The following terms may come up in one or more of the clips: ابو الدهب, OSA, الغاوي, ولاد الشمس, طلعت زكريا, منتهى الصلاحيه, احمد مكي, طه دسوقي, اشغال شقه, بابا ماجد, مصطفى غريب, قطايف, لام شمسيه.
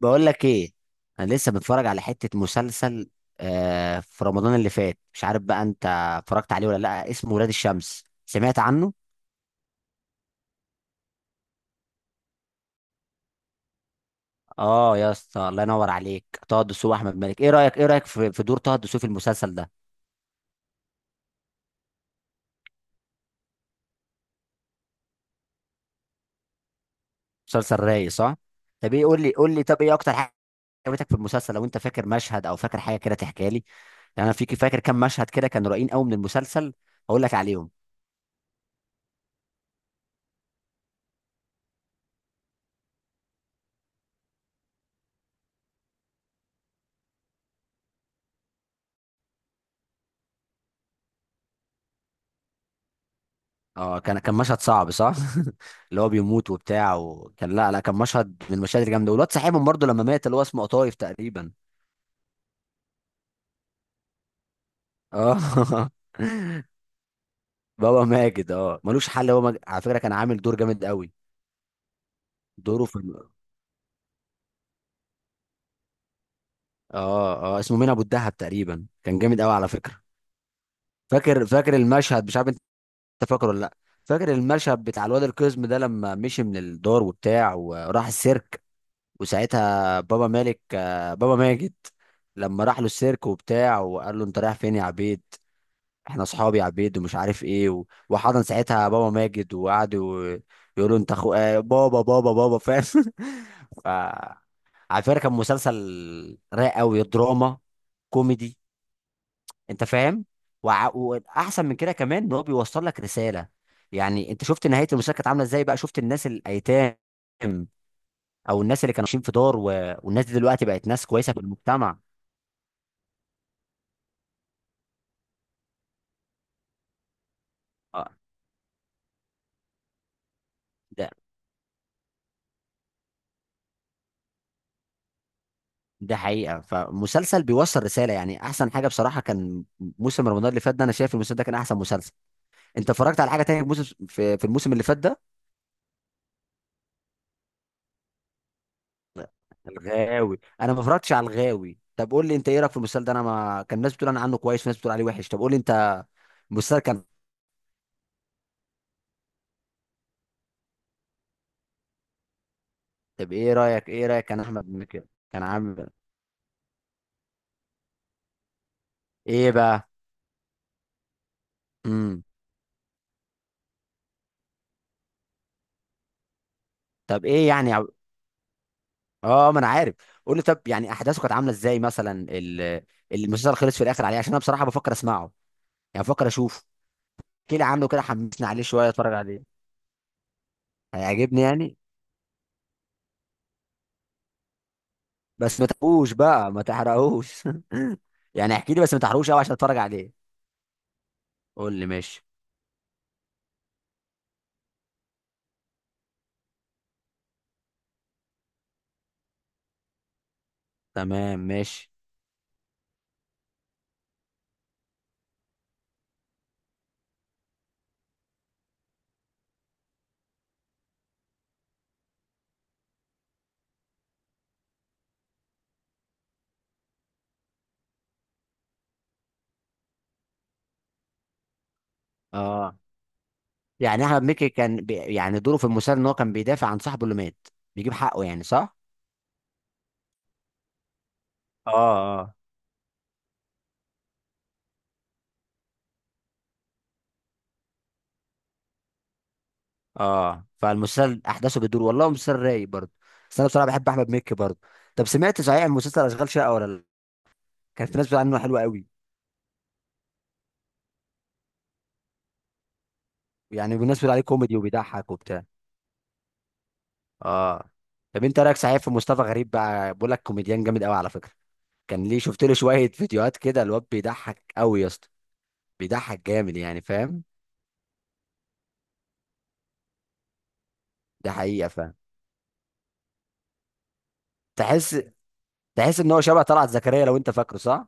بقول لك ايه؟ انا لسه بتفرج على حتة مسلسل. آه، في رمضان اللي فات، مش عارف بقى انت اتفرجت عليه ولا لا، اسمه ولاد الشمس، سمعت عنه؟ اه يا اسطى، الله ينور عليك. طه دسوقي واحمد مالك. ايه رايك، ايه رايك في دور طه دسوقي في المسلسل ده؟ مسلسل رايق، صح؟ طب ايه، قول لي قول لي، طب ايه اكتر حاجه عجبتك في المسلسل؟ لو انت فاكر مشهد او فاكر حاجه كده تحكيها لي. يعني انا فيك فاكر كام مشهد كده كانوا رايقين قوي من المسلسل. هقول لك عليهم. اه كان مشهد صعب، صح؟ اللي هو بيموت وبتاع، وكان، لا لا كان مشهد من المشاهد الجامده. والواد صاحبهم برضه لما مات، اللي هو اسمه قطايف تقريبا. اه. بابا ماجد، اه ملوش حل. هو على فكره كان عامل دور جامد قوي. دوره في الم- اه اسمه مين، ابو الدهب تقريبا، كان جامد قوي على فكره. فاكر المشهد، مش عارف انت فاكره ولا لا؟ فاكر المشهد بتاع الواد القزم ده لما مشي من الدار وبتاع وراح السيرك؟ وساعتها بابا مالك، بابا ماجد، لما راح له السيرك وبتاع وقال له: انت رايح فين يا عبيد؟ احنا اصحاب يا عبيد ومش عارف ايه. وحضن ساعتها بابا ماجد وقعد يقول له انت اخو، بابا فاهم. ف على فكره كان مسلسل رايق قوي، دراما كوميدي، انت فاهم. واحسن من كده كمان ان هو بيوصل لك رساله. يعني انت شفت نهايه المسلسل كانت عامله ازاي بقى؟ شفت الناس الايتام او الناس اللي كانوا عايشين في دار والناس دي دلوقتي بقت ناس كويسه في المجتمع. آه، ده ده حقيقه. فمسلسل بيوصل رساله، يعني احسن حاجه بصراحه. كان موسم رمضان اللي فات ده، انا شايف المسلسل ده كان احسن مسلسل. انت اتفرجت على حاجه تانية في موسم، في الموسم اللي فات ده؟ الغاوي، انا ما اتفرجتش على الغاوي. طب قول لي انت ايه رايك في المسلسل ده، انا ما كان ناس بتقول انا عنه كويس وناس بتقول عليه وحش. طب قول لي انت المسلسل كان. طب ايه رايك، ايه رايك كان احمد مكي كان عامل ايه بقى؟ امم طب ايه يعني، اه ما انا عارف. قول لي طب، يعني احداثه كانت عامله ازاي مثلا؟ المسلسل خلص في الاخر عليه؟ عشان انا بصراحه بفكر اسمعه، يعني بفكر اشوفه كده، عامله كده حمسني عليه شويه اتفرج عليه. هيعجبني يعني؟ بس ما تحرقوش بقى، ما تحرقوش. يعني احكي لي، بس ما تحرقوش قوي عشان اتفرج عليه. قول لي، ماشي. تمام، ماشي. اه، يعني احمد مكي كان يعني دوره في المسلسل ان هو كان بيدافع عن صاحبه اللي مات، بيجيب حقه، يعني صح؟ اه. اه، فالمسلسل احداثه بتدور، والله مسلسل رايق برضه، بس انا بصراحه بحب احمد مكي برضه. طب سمعت صحيح مسلسل اشغال شقه ولا لا؟ كان في ناس بتقول عنه حلو قوي يعني. والناس بتقول عليه كوميدي وبيضحك وبتاع. اه. طب انت رايك صحيح في مصطفى غريب بقى؟ بقول لك كوميديان جامد قوي على فكره. كان ليه؟ شفت له شويه فيديوهات كده، الواد بيضحك قوي يا اسطى. بيضحك جامد، يعني فاهم. ده حقيقه، فاهم. تحس تحس ان هو شبه طلعت زكريا، لو انت فاكره، صح؟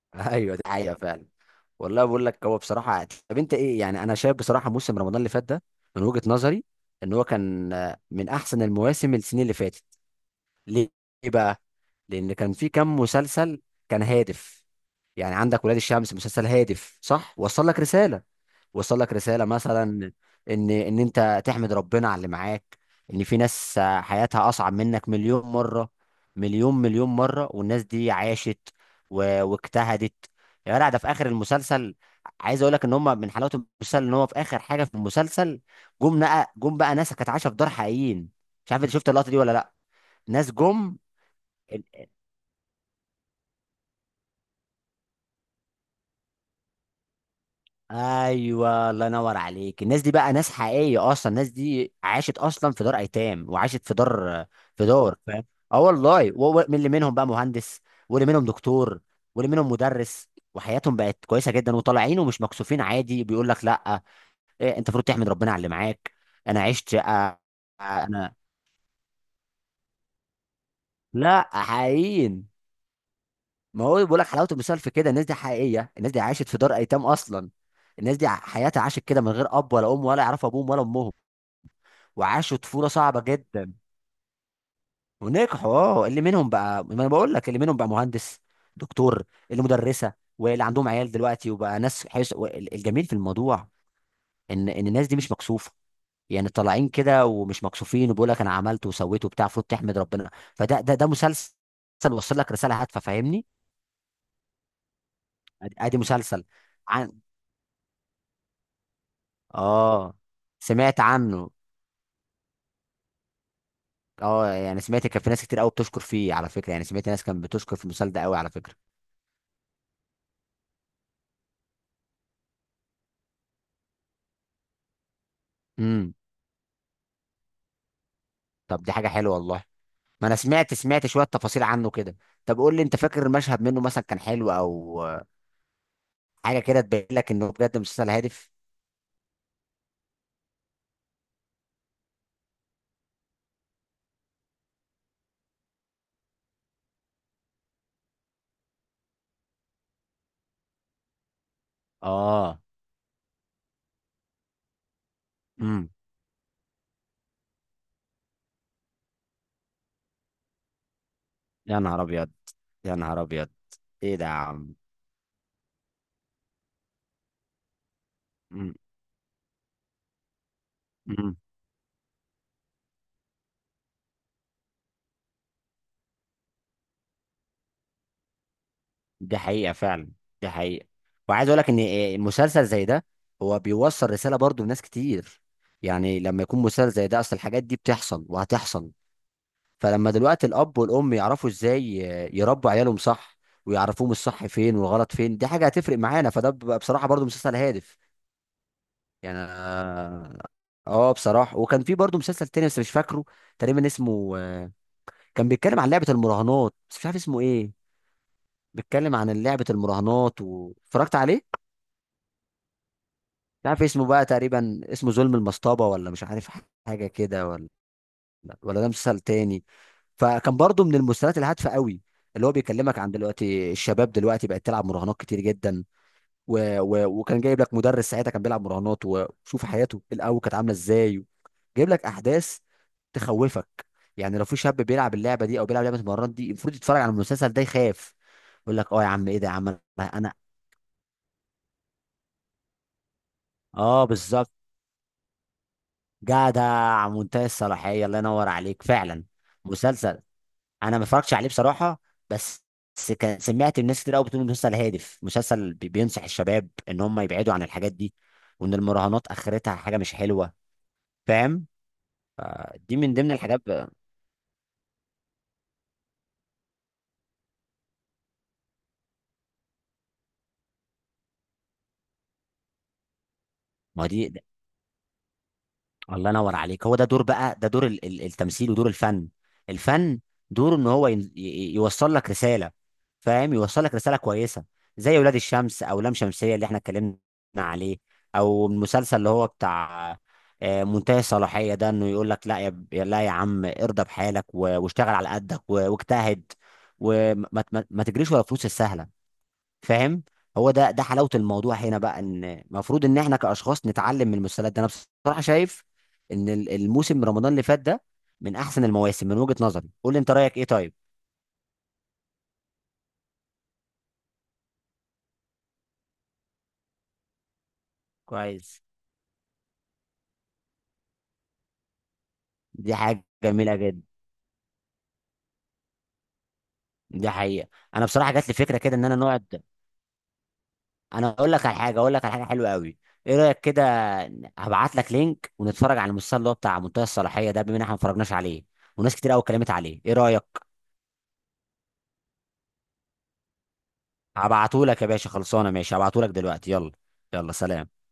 ايوه، دي حقيقه فعلا. والله بقول لك هو بصراحه عادل. طب انت ايه؟ يعني انا شايف بصراحه موسم رمضان اللي فات ده، من وجهه نظري، ان هو كان من احسن المواسم السنين اللي فاتت. ليه؟ ليه بقى؟ لان كان في كم مسلسل كان هادف. يعني عندك ولاد الشمس مسلسل هادف، صح؟ وصل لك رساله، وصل لك رساله مثلا ان انت تحمد ربنا على اللي معاك. ان في ناس، حياتها اصعب منك مليون مره، مليون مره، والناس دي عاشت واجتهدت. يا جدع، ده في اخر المسلسل عايز اقول لك ان هم، من حلاوه المسلسل ان هو في اخر حاجه في المسلسل جم، جم بقى ناس كانت عايشه في دار حقيقيين. مش عارف انت شفت اللقطه دي ولا لا. ناس جم. ايوه، الله ينور عليك. الناس دي بقى ناس حقيقيه اصلا. الناس دي عاشت اصلا في دار ايتام، وعاشت في دار، في دار، فاهم. اه والله. من اللي منهم بقى مهندس، واللي منهم دكتور، واللي منهم مدرس، وحياتهم بقت كويسه جدا، وطالعين ومش مكسوفين عادي، بيقول لك لا، إيه، انت المفروض تحمد ربنا على اللي معاك. انا عشت، انا لا حقيقيين. ما هو بيقول لك حلاوه المثال في كده، الناس دي حقيقيه، الناس دي عاشت في دار ايتام اصلا. الناس دي حياتها عاشت كده من غير اب ولا ام، ولا يعرفوا ابوهم ولا امهم، وعاشوا طفوله صعبه جدا ونجحوا. اه، اللي منهم بقى، ما انا بقول لك، اللي منهم بقى مهندس، دكتور، اللي مدرسه، واللي عندهم عيال دلوقتي، وبقى ناس الجميل في الموضوع ان الناس دي مش مكسوفه. يعني طالعين كده ومش مكسوفين، وبيقول لك انا عملت وسويت وبتاع، المفروض تحمد ربنا. فده، ده مسلسل وصل لك رساله هادفه، فاهمني. ادي آدي مسلسل عن، اه، سمعت عنه. اه، يعني سمعت كان في ناس كتير قوي بتشكر فيه على فكره. يعني سمعت ناس كانت بتشكر في المسلسل ده قوي على فكره. امم طب دي حاجه حلوه والله. ما انا سمعت، شويه تفاصيل عنه كده. طب قول لي انت فاكر مشهد منه مثلا كان حلو او حاجه كده تبين لك انه بجد مسلسل هادف؟ اه. امم يا نهار ابيض، يا نهار ابيض، ايه ده يا عم؟ امم امم دي حقيقه فعلا، دي حقيقه. وعايز اقول لك ان مسلسل زي ده هو بيوصل رساله برضو لناس كتير. يعني لما يكون مسلسل زي ده، اصل الحاجات دي بتحصل وهتحصل. فلما دلوقتي الاب والام يعرفوا ازاي يربوا عيالهم صح، ويعرفوهم الصح فين والغلط فين، دي حاجه هتفرق معانا. فده بيبقى بصراحه برضو مسلسل هادف. يعني اه بصراحه، وكان في برضو مسلسل تاني بس مش فاكره، تقريبا اسمه، كان بيتكلم عن لعبه المراهنات، بس مش عارف اسمه ايه. بيتكلم عن لعبه المراهنات واتفرجت عليه. مش عارف اسمه بقى، تقريبا اسمه ظلم المصطبه، ولا مش عارف، حاجه كده، ولا ولا ده مسلسل تاني. فكان برضو من المسلسلات الهادفه قوي، اللي هو بيكلمك عن دلوقتي الشباب دلوقتي بقت تلعب مراهنات كتير جدا. وكان جايب لك مدرس ساعتها كان بيلعب مراهنات، وشوف حياته الاول كانت عامله ازاي. جايب لك احداث تخوفك، يعني لو في شاب بيلعب اللعبه دي او بيلعب لعبه المراهنات دي، المفروض يتفرج على المسلسل ده يخاف. يقول لك اه يا عم، ايه ده يا عم انا. أنا- اه، بالظبط، جدع، منتهى الصلاحيه، الله ينور عليك فعلا. مسلسل انا ما اتفرجتش عليه بصراحه، بس بس كان سمعت الناس كتير قوي بتقول إنه مسلسل هادف، مسلسل بينصح الشباب ان هم يبعدوا عن الحاجات دي، وان المراهنات اخرتها حاجه مش حلوه، فاهم. دي من ضمن الحاجات. ما هو دي، الله ينور عليك، هو ده دور بقى، ده دور التمثيل ودور الفن. الفن دوره ان هو يوصل لك رساله، فاهم. يوصل لك رساله كويسه زي ولاد الشمس، او لام شمسيه اللي احنا اتكلمنا عليه، او المسلسل اللي هو بتاع، منتهي الصلاحيه ده. انه يقول لك لا يا لا يا عم ارضى بحالك، واشتغل على قدك، واجتهد. وما، ما تجريش ورا الفلوس السهله، فاهم. هو ده حلاوه الموضوع هنا بقى. ان المفروض ان احنا كاشخاص نتعلم من المسلسلات ده. انا بصراحه شايف ان الموسم رمضان اللي فات ده من احسن المواسم من وجهه نظري. قول لي انت رايك ايه؟ طيب، كويس. دي حاجه جميله جدا. دي حقيقه. انا بصراحه جات لي فكره كده ان انا نقعد. انا اقول لك على حاجه، اقول لك على حاجه حلوه قوي. ايه رايك كده؟ هبعت لك لينك ونتفرج على المسلسل اللي هو بتاع منتهى الصلاحيه ده، بما ان احنا ما اتفرجناش عليه وناس كتير قوي اتكلمت عليه. ايه رايك؟ هبعته لك يا باشا، خلصانه، ماشي، هبعته لك دلوقتي. يلا، يلا سلام.